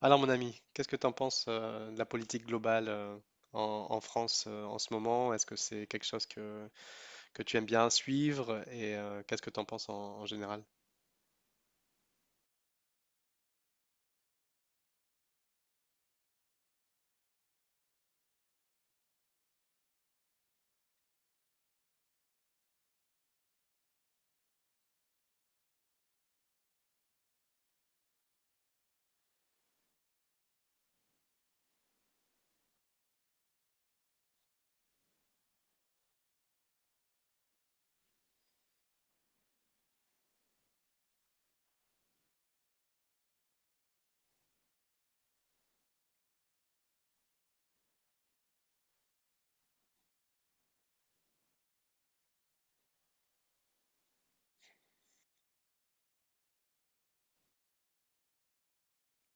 Alors mon ami, qu'est-ce que tu en penses de la politique globale, en France en ce moment? Est-ce que c'est quelque chose que tu aimes bien suivre? Et qu'est-ce que tu en penses en général?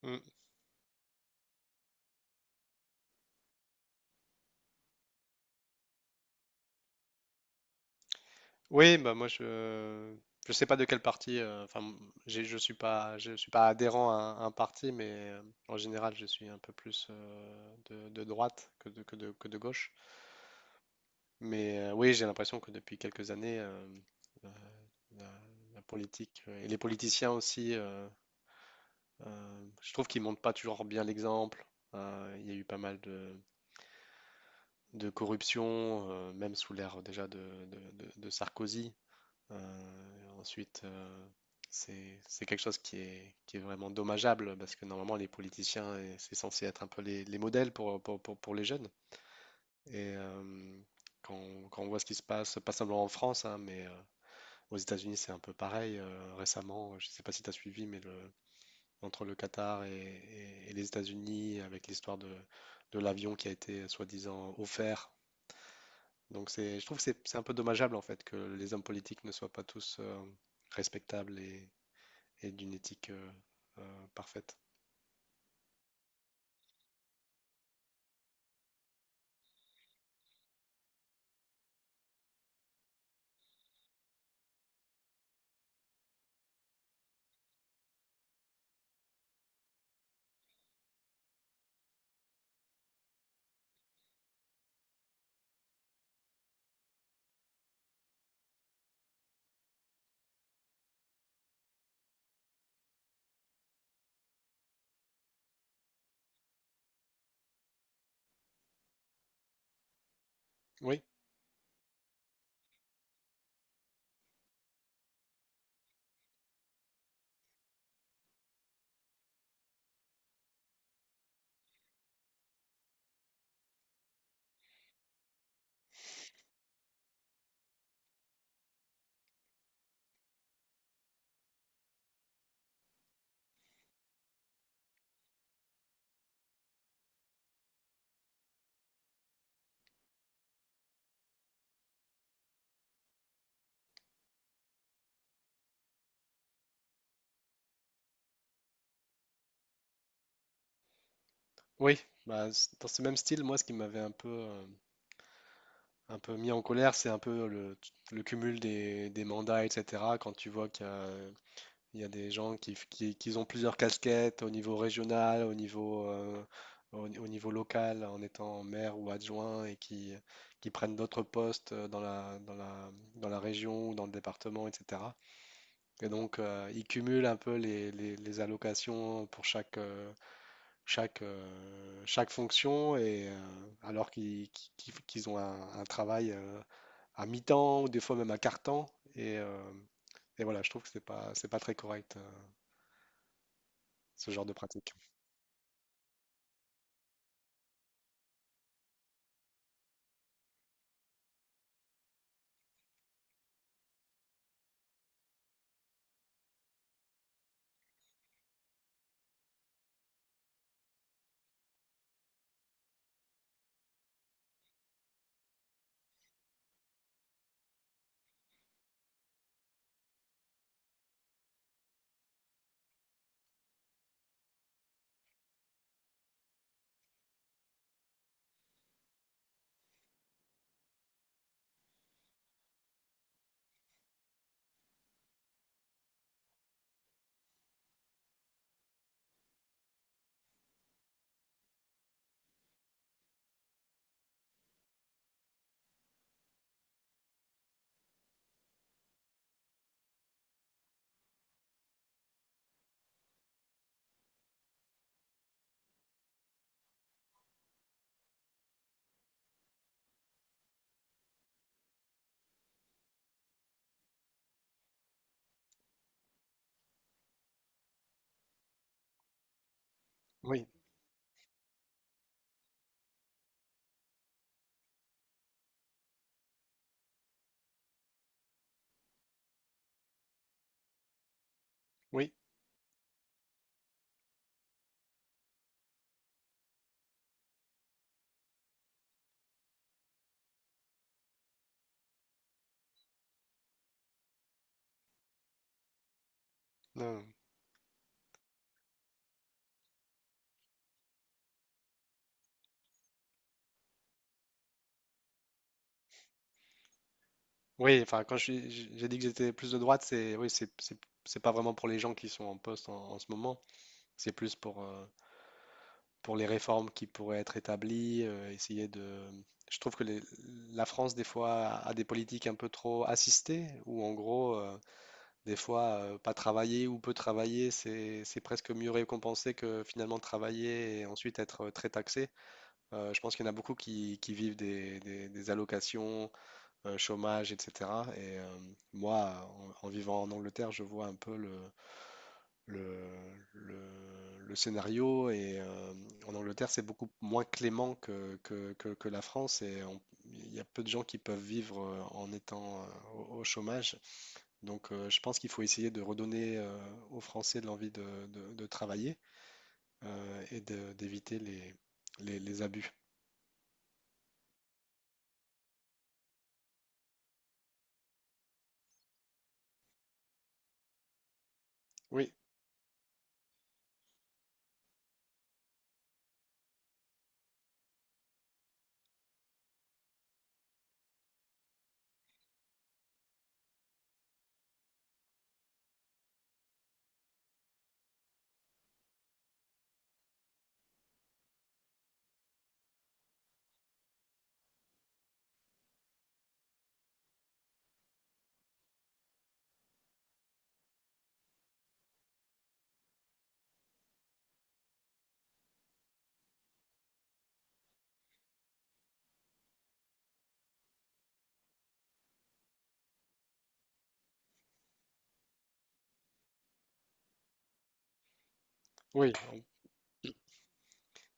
Mm. Oui, bah moi je sais pas de quel parti. Enfin, je suis pas, je suis pas adhérent à un parti, mais en général je suis un peu plus de droite que de gauche. Mais oui, j'ai l'impression que depuis quelques années, euh, la, la politique et les politiciens aussi. Je trouve qu'ils montrent pas toujours bien l'exemple. Il y a eu pas mal de corruption, même sous l'ère déjà de Sarkozy. Ensuite, c'est quelque chose qui est vraiment dommageable, parce que normalement, les politiciens, et c'est censé être un peu les modèles pour les jeunes. Et quand on voit ce qui se passe, pas seulement en France, hein, mais aux États-Unis, c'est un peu pareil. Récemment, je sais pas si tu as suivi, mais entre le Qatar et les États-Unis, avec l'histoire de l'avion qui a été soi-disant offert. Donc je trouve que c'est un peu dommageable en fait que les hommes politiques ne soient pas tous respectables et d'une éthique parfaite. Oui, oui. Bah, dans ce même style, moi, ce qui m'avait un peu mis en colère, c'est un peu le cumul des mandats, etc. Quand tu vois qu'il y a... Il y a des gens qui ont plusieurs casquettes au niveau régional, au niveau local, en étant maire ou adjoint, et qui prennent d'autres postes dans la région ou dans le département, etc. Et donc, ils cumulent un peu les allocations pour chaque fonction, et, alors qu'ils qu'ils ont un travail à mi-temps ou des fois même à quart-temps. Et, euh, et voilà, je trouve que c'est pas très correct, ce genre de pratique. Oui, oui, non, oui. Enfin, quand j'ai dit que j'étais plus de droite, c'est oui, c'est pas vraiment pour les gens qui sont en poste en ce moment. C'est plus pour les réformes qui pourraient être établies, essayer de... Je trouve que la France des fois a des politiques un peu trop assistées, où en gros, des fois, pas travailler ou peu travailler, c'est presque mieux récompensé que finalement travailler et ensuite être très taxé. Je pense qu'il y en a beaucoup qui vivent des allocations chômage, etc. Et moi, en vivant en Angleterre, je vois un peu le, le- le scénario. Et en Angleterre, c'est beaucoup moins clément que la France. Il y a peu de gens qui peuvent vivre en étant au chômage. Donc, je pense qu'il faut essayer de redonner aux Français de l'envie de travailler d'éviter les abus. Oui, oui.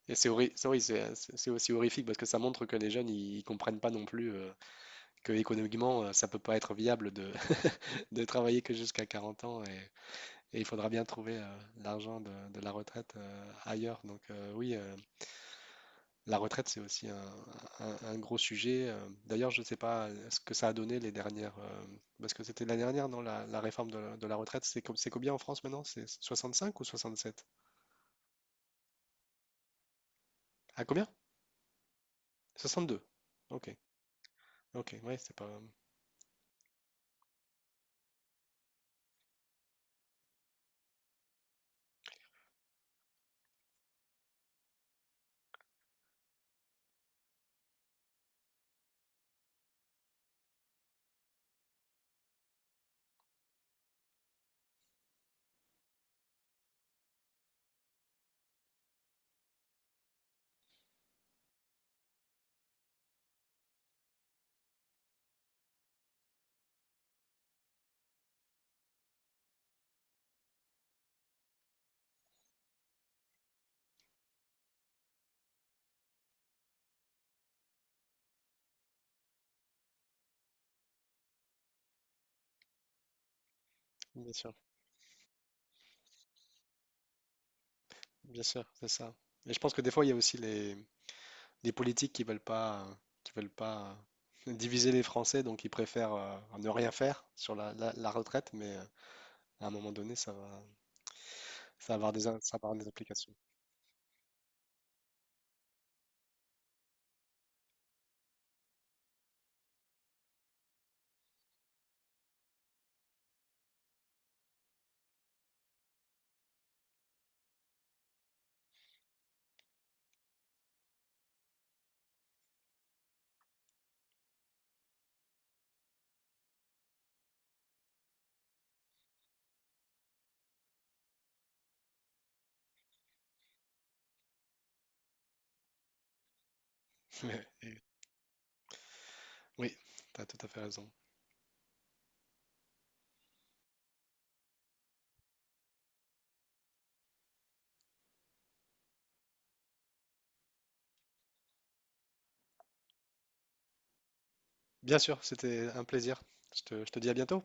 Et c'est horri- c'est oui, c'est- aussi horrifique, parce que ça montre que les jeunes, ils comprennent pas non plus que économiquement, ça peut pas être viable de travailler que jusqu'à 40 ans et il faudra bien trouver l'argent de la retraite ailleurs. Donc oui, la retraite, c'est aussi un gros sujet. D'ailleurs, je sais pas ce que ça a donné les dernières, parce que c'était l'année dernière, non, la réforme de de la retraite, c'est combien en France maintenant? C'est 65 ou 67? À combien? 62. Ok, ok, ouais, c'est pas... euh... Bien sûr. Bien sûr, c'est ça. Et je pense que des fois, il y a aussi les politiques qui veulent pas diviser les Français, donc ils préfèrent ne rien faire sur la retraite, mais à un moment donné, ça va avoir ça va avoir des implications. Mais, et- oui, tu as tout à fait raison. Bien sûr, c'était un plaisir. Je te dis à bientôt.